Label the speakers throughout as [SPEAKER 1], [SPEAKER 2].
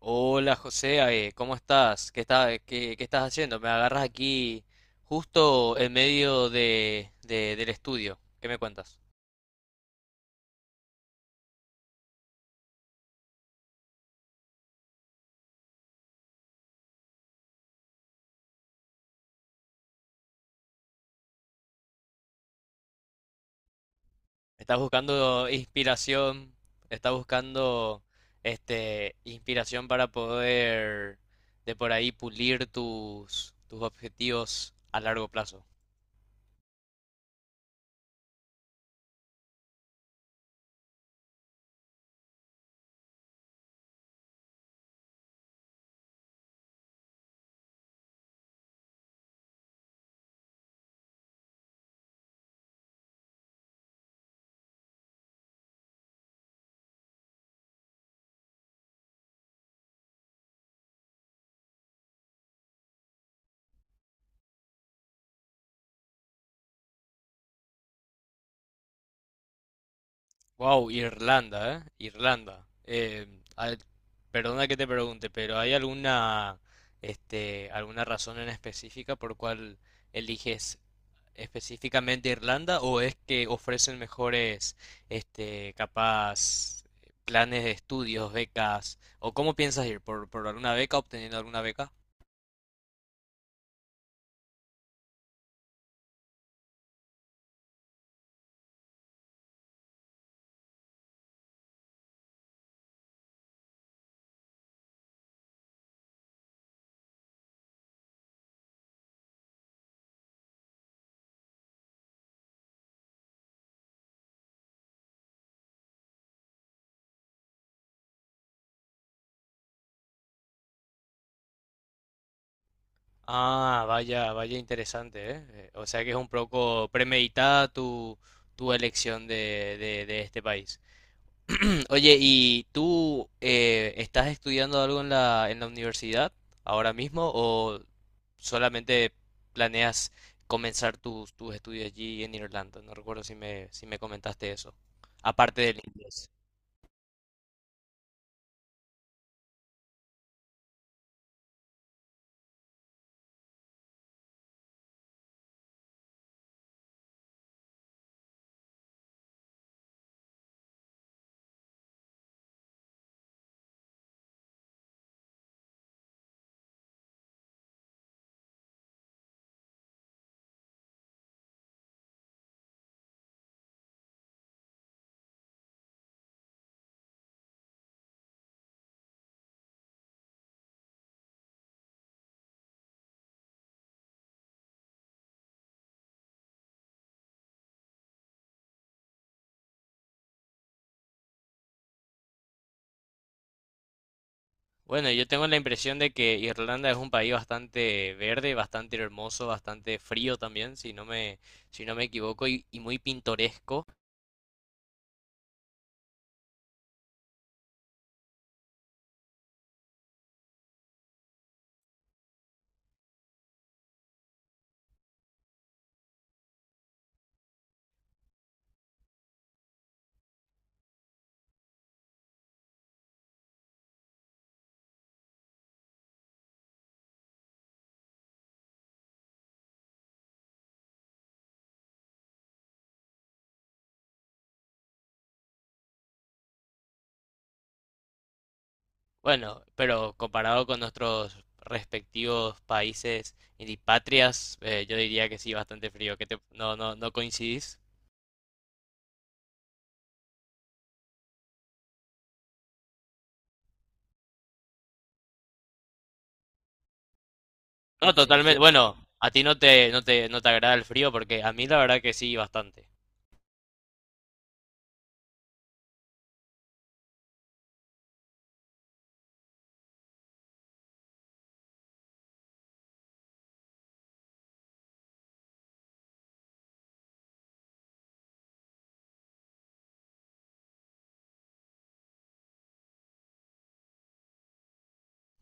[SPEAKER 1] Hola José, ¿cómo estás? ¿Qué estás haciendo? Me agarras aquí justo en medio del estudio. ¿Qué me cuentas? ¿Estás buscando inspiración? ¿Estás buscando inspiración para poder de por ahí pulir tus objetivos a largo plazo? Wow, Irlanda, ¿eh? Irlanda. Al- Perdona que te pregunte, pero ¿hay alguna, alguna razón en específica por cual eliges específicamente Irlanda o es que ofrecen mejores, capaz planes de estudios, becas o cómo piensas ir por alguna beca, obteniendo alguna beca? Ah, vaya, vaya interesante, ¿eh? O sea que es un poco premeditada tu elección de este país. Oye, ¿y tú estás estudiando algo en en la universidad ahora mismo o solamente planeas comenzar tus estudios allí en Irlanda? No recuerdo si me comentaste eso, aparte del inglés. Bueno, yo tengo la impresión de que Irlanda es un país bastante verde, bastante hermoso, bastante frío también, si no me equivoco, y muy pintoresco. Bueno, pero comparado con nuestros respectivos países y patrias, yo diría que sí, bastante frío. ¿Qué te- no, no, No coincidís? No, Sí, totalmente. Sí. Bueno, a ti no te agrada el frío porque a mí la verdad que sí, bastante.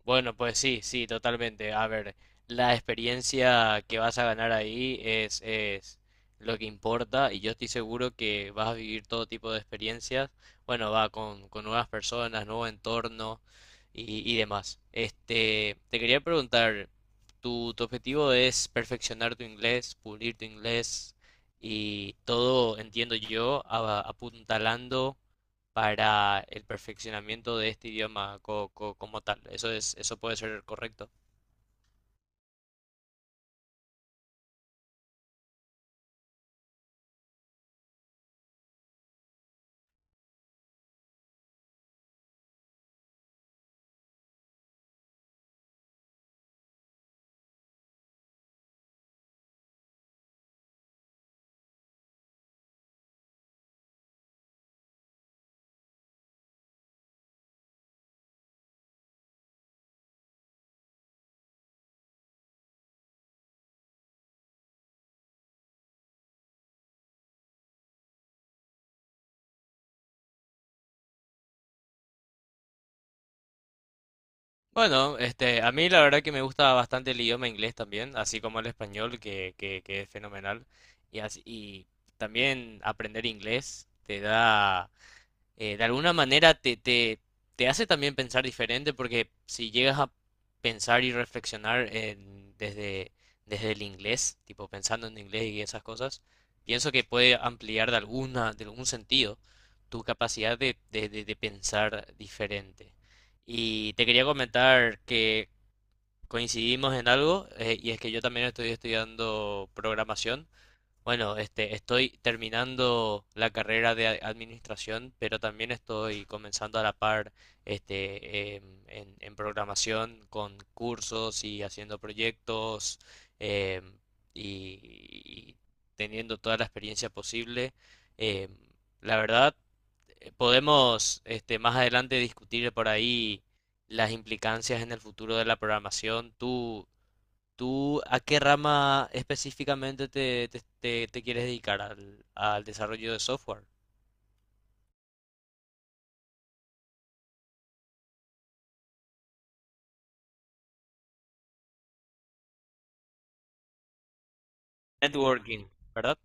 [SPEAKER 1] Bueno, pues sí, sí, totalmente. A ver, la experiencia que vas a ganar ahí es lo que importa y yo estoy seguro que vas a vivir todo tipo de experiencias. Bueno, va con nuevas personas, nuevo entorno y demás. Este, te quería preguntar, tu objetivo es perfeccionar tu inglés, pulir tu inglés y todo, entiendo yo, apuntalando para el perfeccionamiento de este idioma como tal? Eso es, eso puede ser correcto. Bueno, este, a mí la verdad que me gusta bastante el idioma inglés también, así como el español, que es fenomenal. Y también aprender inglés te da de alguna manera te hace también pensar diferente porque si llegas a pensar y reflexionar desde, desde el inglés, tipo pensando en inglés y esas cosas, pienso que puede ampliar de alguna, de algún sentido tu capacidad de pensar diferente. Y te quería comentar que coincidimos en algo, y es que yo también estoy estudiando programación. Bueno, este, estoy terminando la carrera de administración, pero también estoy comenzando a la par, en programación con cursos y haciendo proyectos, em, y teniendo toda la experiencia posible. Em, la verdad, podemos, este, más adelante discutir por ahí las implicancias en el futuro de la programación. ¿Tú a qué rama específicamente te quieres dedicar, al al desarrollo de software? Networking, ¿verdad?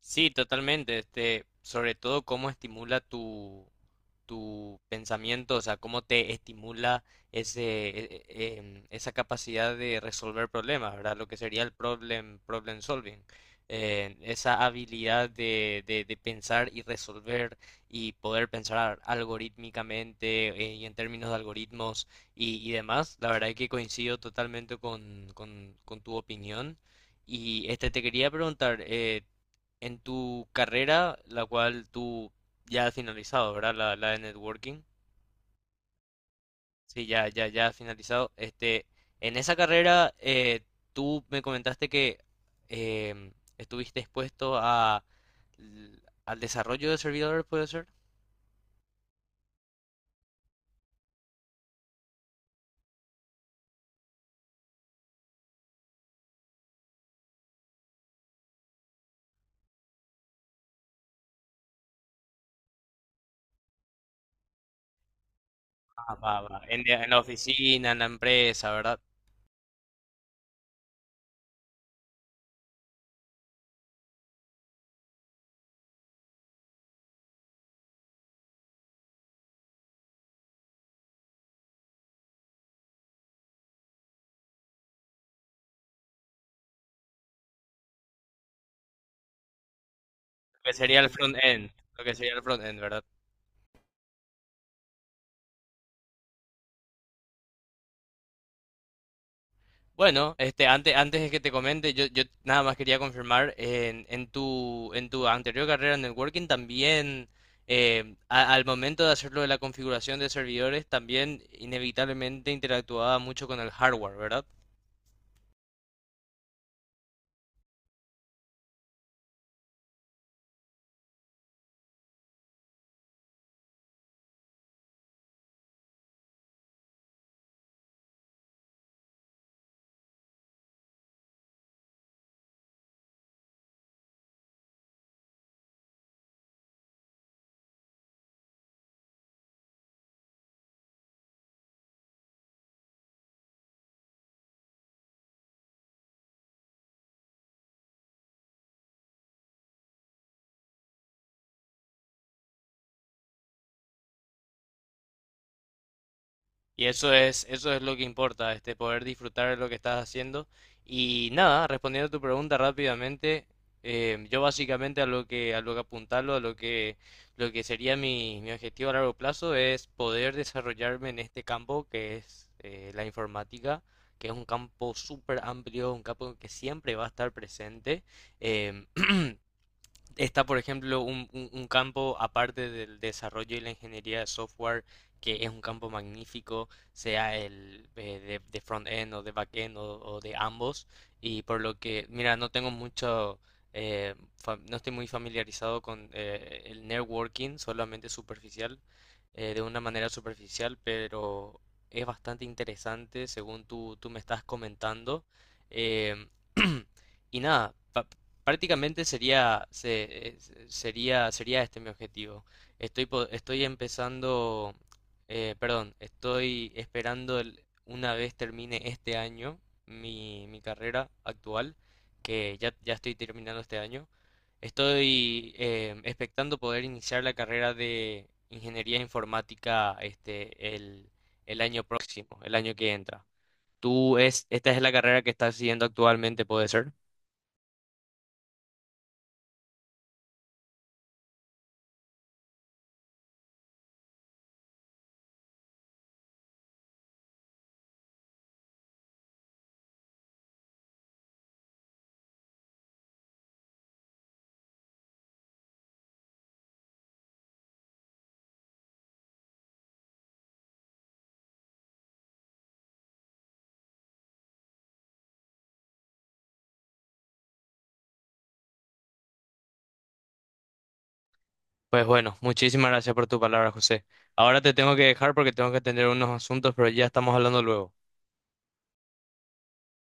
[SPEAKER 1] Sí, totalmente. Este, sobre todo cómo estimula tu pensamiento, o sea, cómo te estimula ese, e- e- em, esa capacidad de resolver problemas, ¿verdad? Lo que sería el problem solving. Esa habilidad de, de pensar y resolver y poder pensar algorítmicamente y en términos de algoritmos y demás. La verdad es que coincido totalmente con tu opinión. Y este te quería preguntar, en tu carrera, la cual tú ya has finalizado, ¿verdad? La de networking. Sí, ya has finalizado. Este, en esa carrera, tú me comentaste que em, estuviste expuesto a, l- al desarrollo de servidores, ¿puede ser? Ah, va, va. En la oficina, en la empresa, ¿verdad? Lo que sería el front-end. Lo que sería el front-end, ¿verdad? Bueno, este, antes de que te comente, yo nada más quería confirmar, en tu anterior carrera en networking también, al momento de hacerlo de la configuración de servidores, también inevitablemente interactuaba mucho con el hardware, ¿verdad? Y eso es lo que importa, este, poder disfrutar de lo que estás haciendo. Y nada, respondiendo a tu pregunta rápidamente, yo básicamente a lo que apuntarlo, a lo que sería mi objetivo a largo plazo es poder desarrollarme en este campo que es la informática, que es un campo súper amplio, un campo que siempre va a estar presente. em, está, por ejemplo, un campo aparte del desarrollo y la ingeniería de software, que es un campo magnífico, sea el de front-end o de back-end o de ambos. Y por lo que, mira, no tengo mucho, no estoy muy familiarizado con el networking, solamente superficial, de una manera superficial, pero es bastante interesante según tú me estás comentando. Em, y nada, prácticamente sería, sería este mi objetivo. Estoy empezando, perdón, estoy esperando una vez termine este año mi carrera actual, que ya estoy terminando este año. Estoy expectando poder iniciar la carrera de ingeniería informática el año próximo, el año que entra. Esta es la carrera que estás siguiendo actualmente, puede ser? Pues bueno, muchísimas gracias por tu palabra, José. Ahora te tengo que dejar porque tengo que atender unos asuntos, pero ya estamos hablando luego.